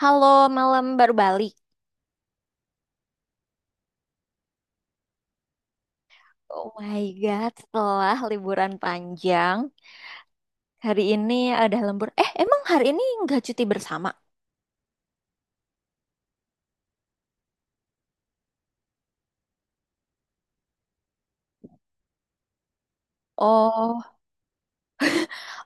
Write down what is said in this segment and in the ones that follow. Halo, malam baru balik. Oh my God, setelah liburan panjang, hari ini ada lembur. Emang hari ini nggak cuti bersama? Oh,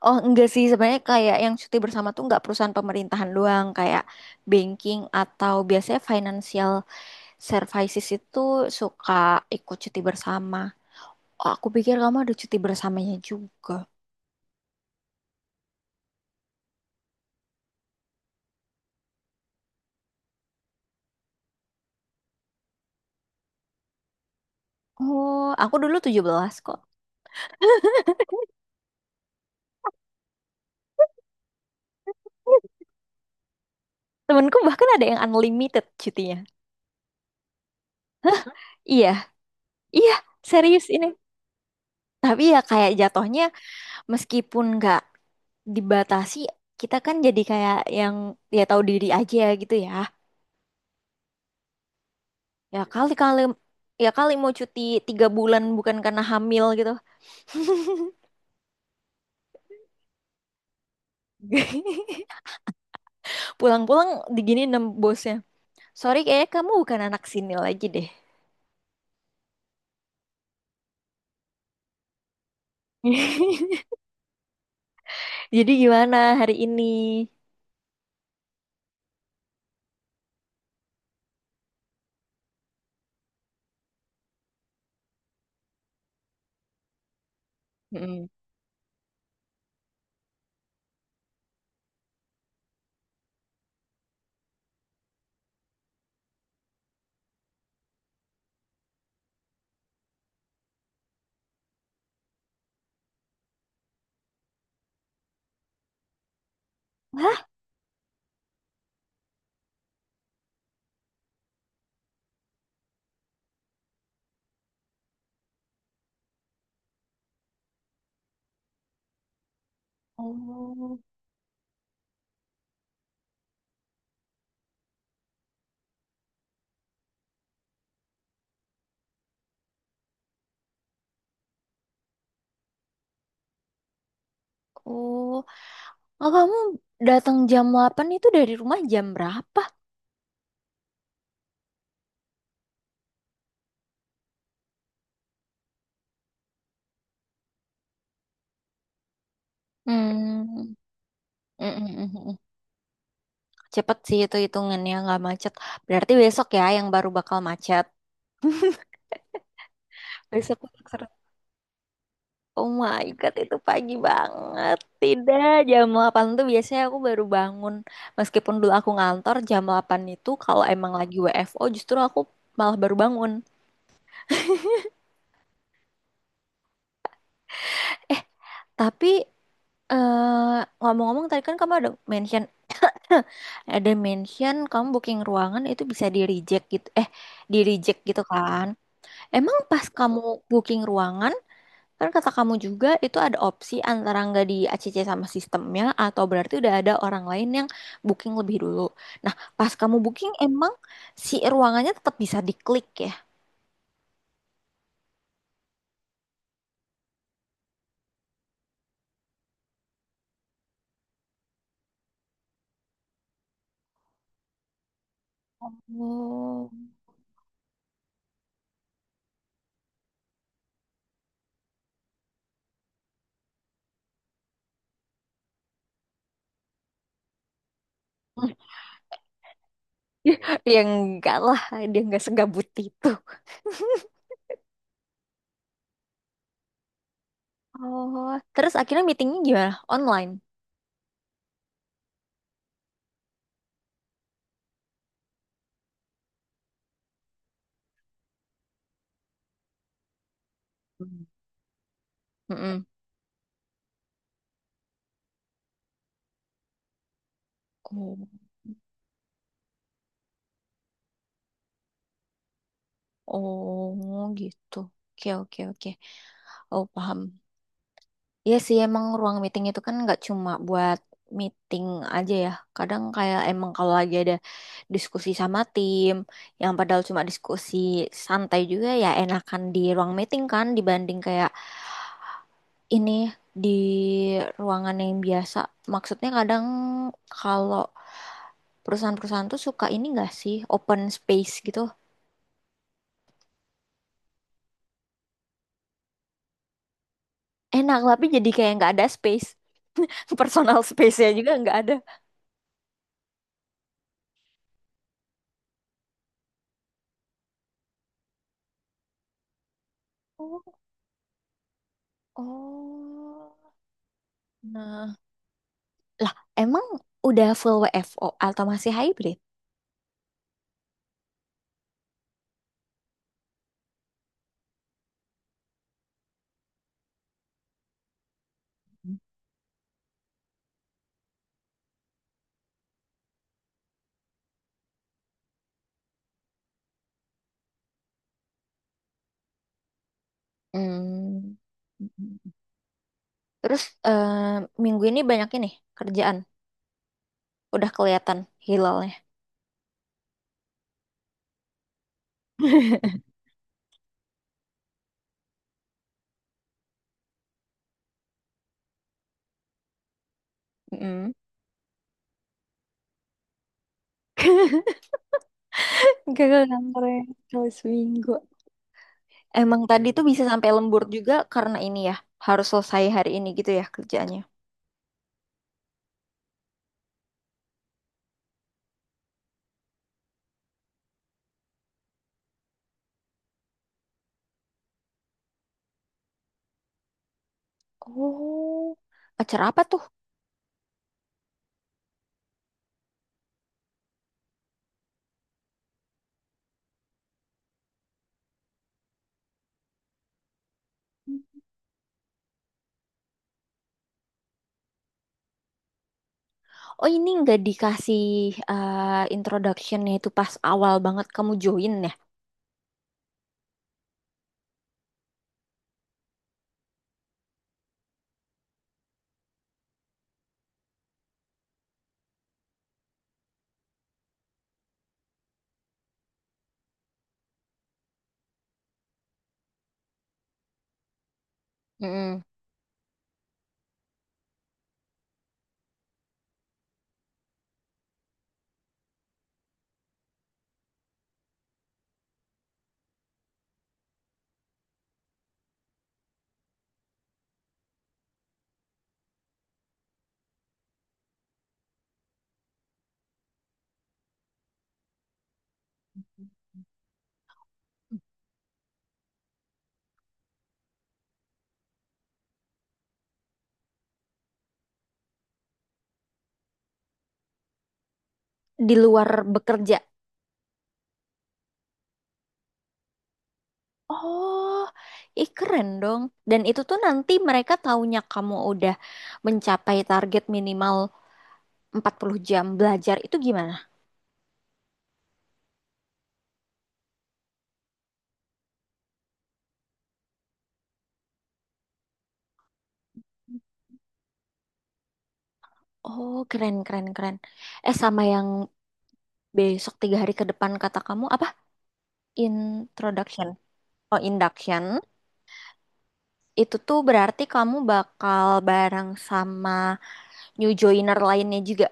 oh enggak sih. Sebenarnya kayak yang cuti bersama tuh nggak perusahaan pemerintahan doang. Kayak banking atau biasanya financial services itu suka ikut cuti bersama. Oh, aku pikir kamu ada cuti bersamanya juga. Oh, aku dulu 17 kok. Temenku bahkan ada yang unlimited cutinya. Iya, iya, serius ini. Tapi ya kayak jatuhnya meskipun nggak dibatasi, kita kan jadi kayak yang ya tahu diri aja gitu ya. Ya kali-kali ya kali mau cuti 3 bulan bukan karena hamil gitu. Pulang-pulang digini nem bosnya. Sorry kayaknya kamu bukan anak sini lagi deh. Jadi gimana hari ini? Mm-mm. Hah? Oh, oh, oh, kamu datang jam 08.00 itu dari rumah jam berapa? Hmm. Mm-mm. Cepet sih itu hitungannya nggak macet. Berarti besok ya yang baru bakal macet. Besok aku seru. Oh my God, itu pagi banget. Tidak, jam 08.00 tuh biasanya aku baru bangun. Meskipun dulu aku ngantor, jam 08.00 itu kalau emang lagi WFO justru aku malah baru bangun. Eh, tapi ngomong-ngomong tadi kan kamu ada mention, ada mention kamu booking ruangan itu bisa di reject gitu. Di reject gitu kan. Emang pas kamu booking ruangan, kan kata kamu juga itu ada opsi antara nggak di ACC sama sistemnya atau berarti udah ada orang lain yang booking lebih dulu. Nah, pas kamu booking emang si ruangannya tetap bisa diklik ya? Oh, ya enggak lah, dia nggak segabut itu. Oh, terus akhirnya meetingnya gimana? Online. Hmm. Mm-mm. Oh, oh gitu. Oke, oke, oke. Oh, paham. Iya sih emang ruang meeting itu kan nggak cuma buat meeting aja ya. Kadang kayak emang kalau lagi ada diskusi sama tim yang padahal cuma diskusi santai juga ya enakan di ruang meeting kan dibanding kayak ini di ruangan yang biasa. Maksudnya kadang kalau perusahaan-perusahaan tuh suka ini nggak sih open space gitu. Enak tapi jadi kayak nggak ada space. Personal space-nya juga nggak ada. Oh, oh. Nah. Lah, emang udah full WFO atau masih hybrid? Hmm. Terus eh, minggu ini banyak ini kerjaan. Udah kelihatan hilalnya. Mm. Gagal kantornya kalau seminggu. Emang tadi tuh bisa sampai lembur juga karena ini ya. Harus selesai hari ini gitu ya kerjaannya. Oh, acara apa tuh? Oh, ini nggak dikasih introduction-nya itu pas awal banget kamu join ya. Mm. Di luar bekerja. Oh, ih keren dong. Dan itu tuh nanti mereka taunya kamu udah mencapai target minimal 40 jam belajar itu gimana? Oh, keren, keren, keren. Eh, sama yang besok 3 hari ke depan kata kamu apa? Introduction. Oh, induction. Itu tuh berarti kamu bakal bareng sama new joiner lainnya juga.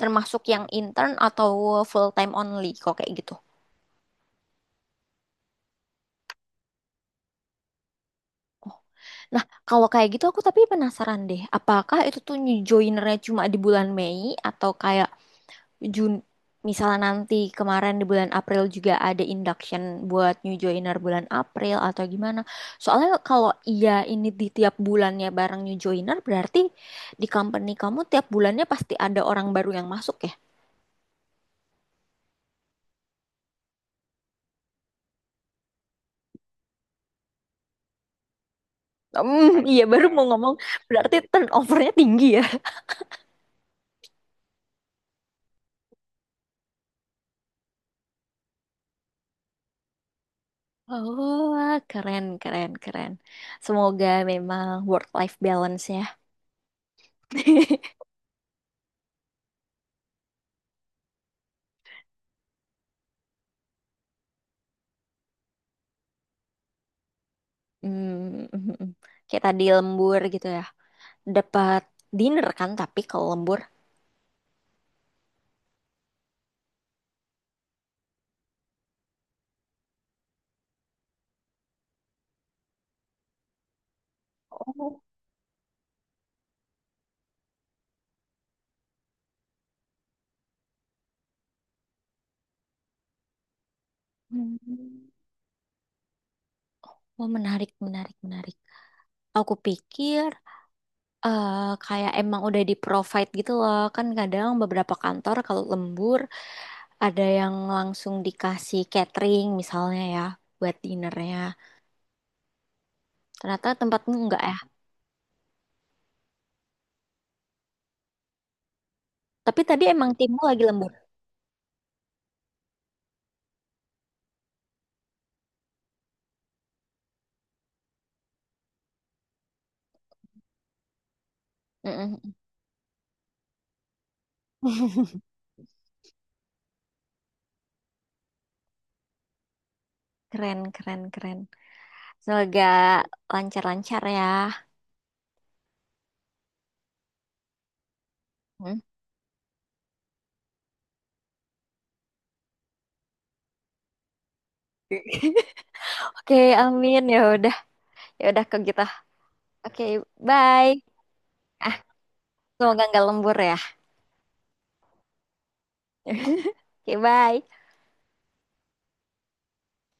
Termasuk yang intern atau full time only, kok kayak gitu. Nah, kalau kayak gitu aku tapi penasaran deh, apakah itu tuh new joinernya cuma di bulan Mei atau kayak Jun misalnya nanti kemarin di bulan April juga ada induction buat new joiner bulan April atau gimana? Soalnya kalau iya ini di tiap bulannya bareng new joiner berarti di company kamu tiap bulannya pasti ada orang baru yang masuk ya? Hmm, iya baru mau ngomong berarti turnovernya tinggi ya. Oh, wah, keren, keren, keren. Semoga memang work-life balance-nya Hmm, kayak tadi lembur gitu ya. Dapat dinner kan tapi kalau lembur. Oh, hmm. Oh, menarik, menarik, menarik. Aku pikir eh, kayak emang udah di provide gitu loh. Kan kadang beberapa kantor kalau lembur ada yang langsung dikasih catering misalnya ya buat dinernya. Ternyata tempatmu enggak ya. Tapi tadi emang timmu lagi lembur. Mm-mm. Keren, keren, keren. Semoga lancar-lancar ya. Hmm. Oke, amin. Ya udah ke kita. Oke, bye. Ah, semoga nggak lembur ya. Oke, bye.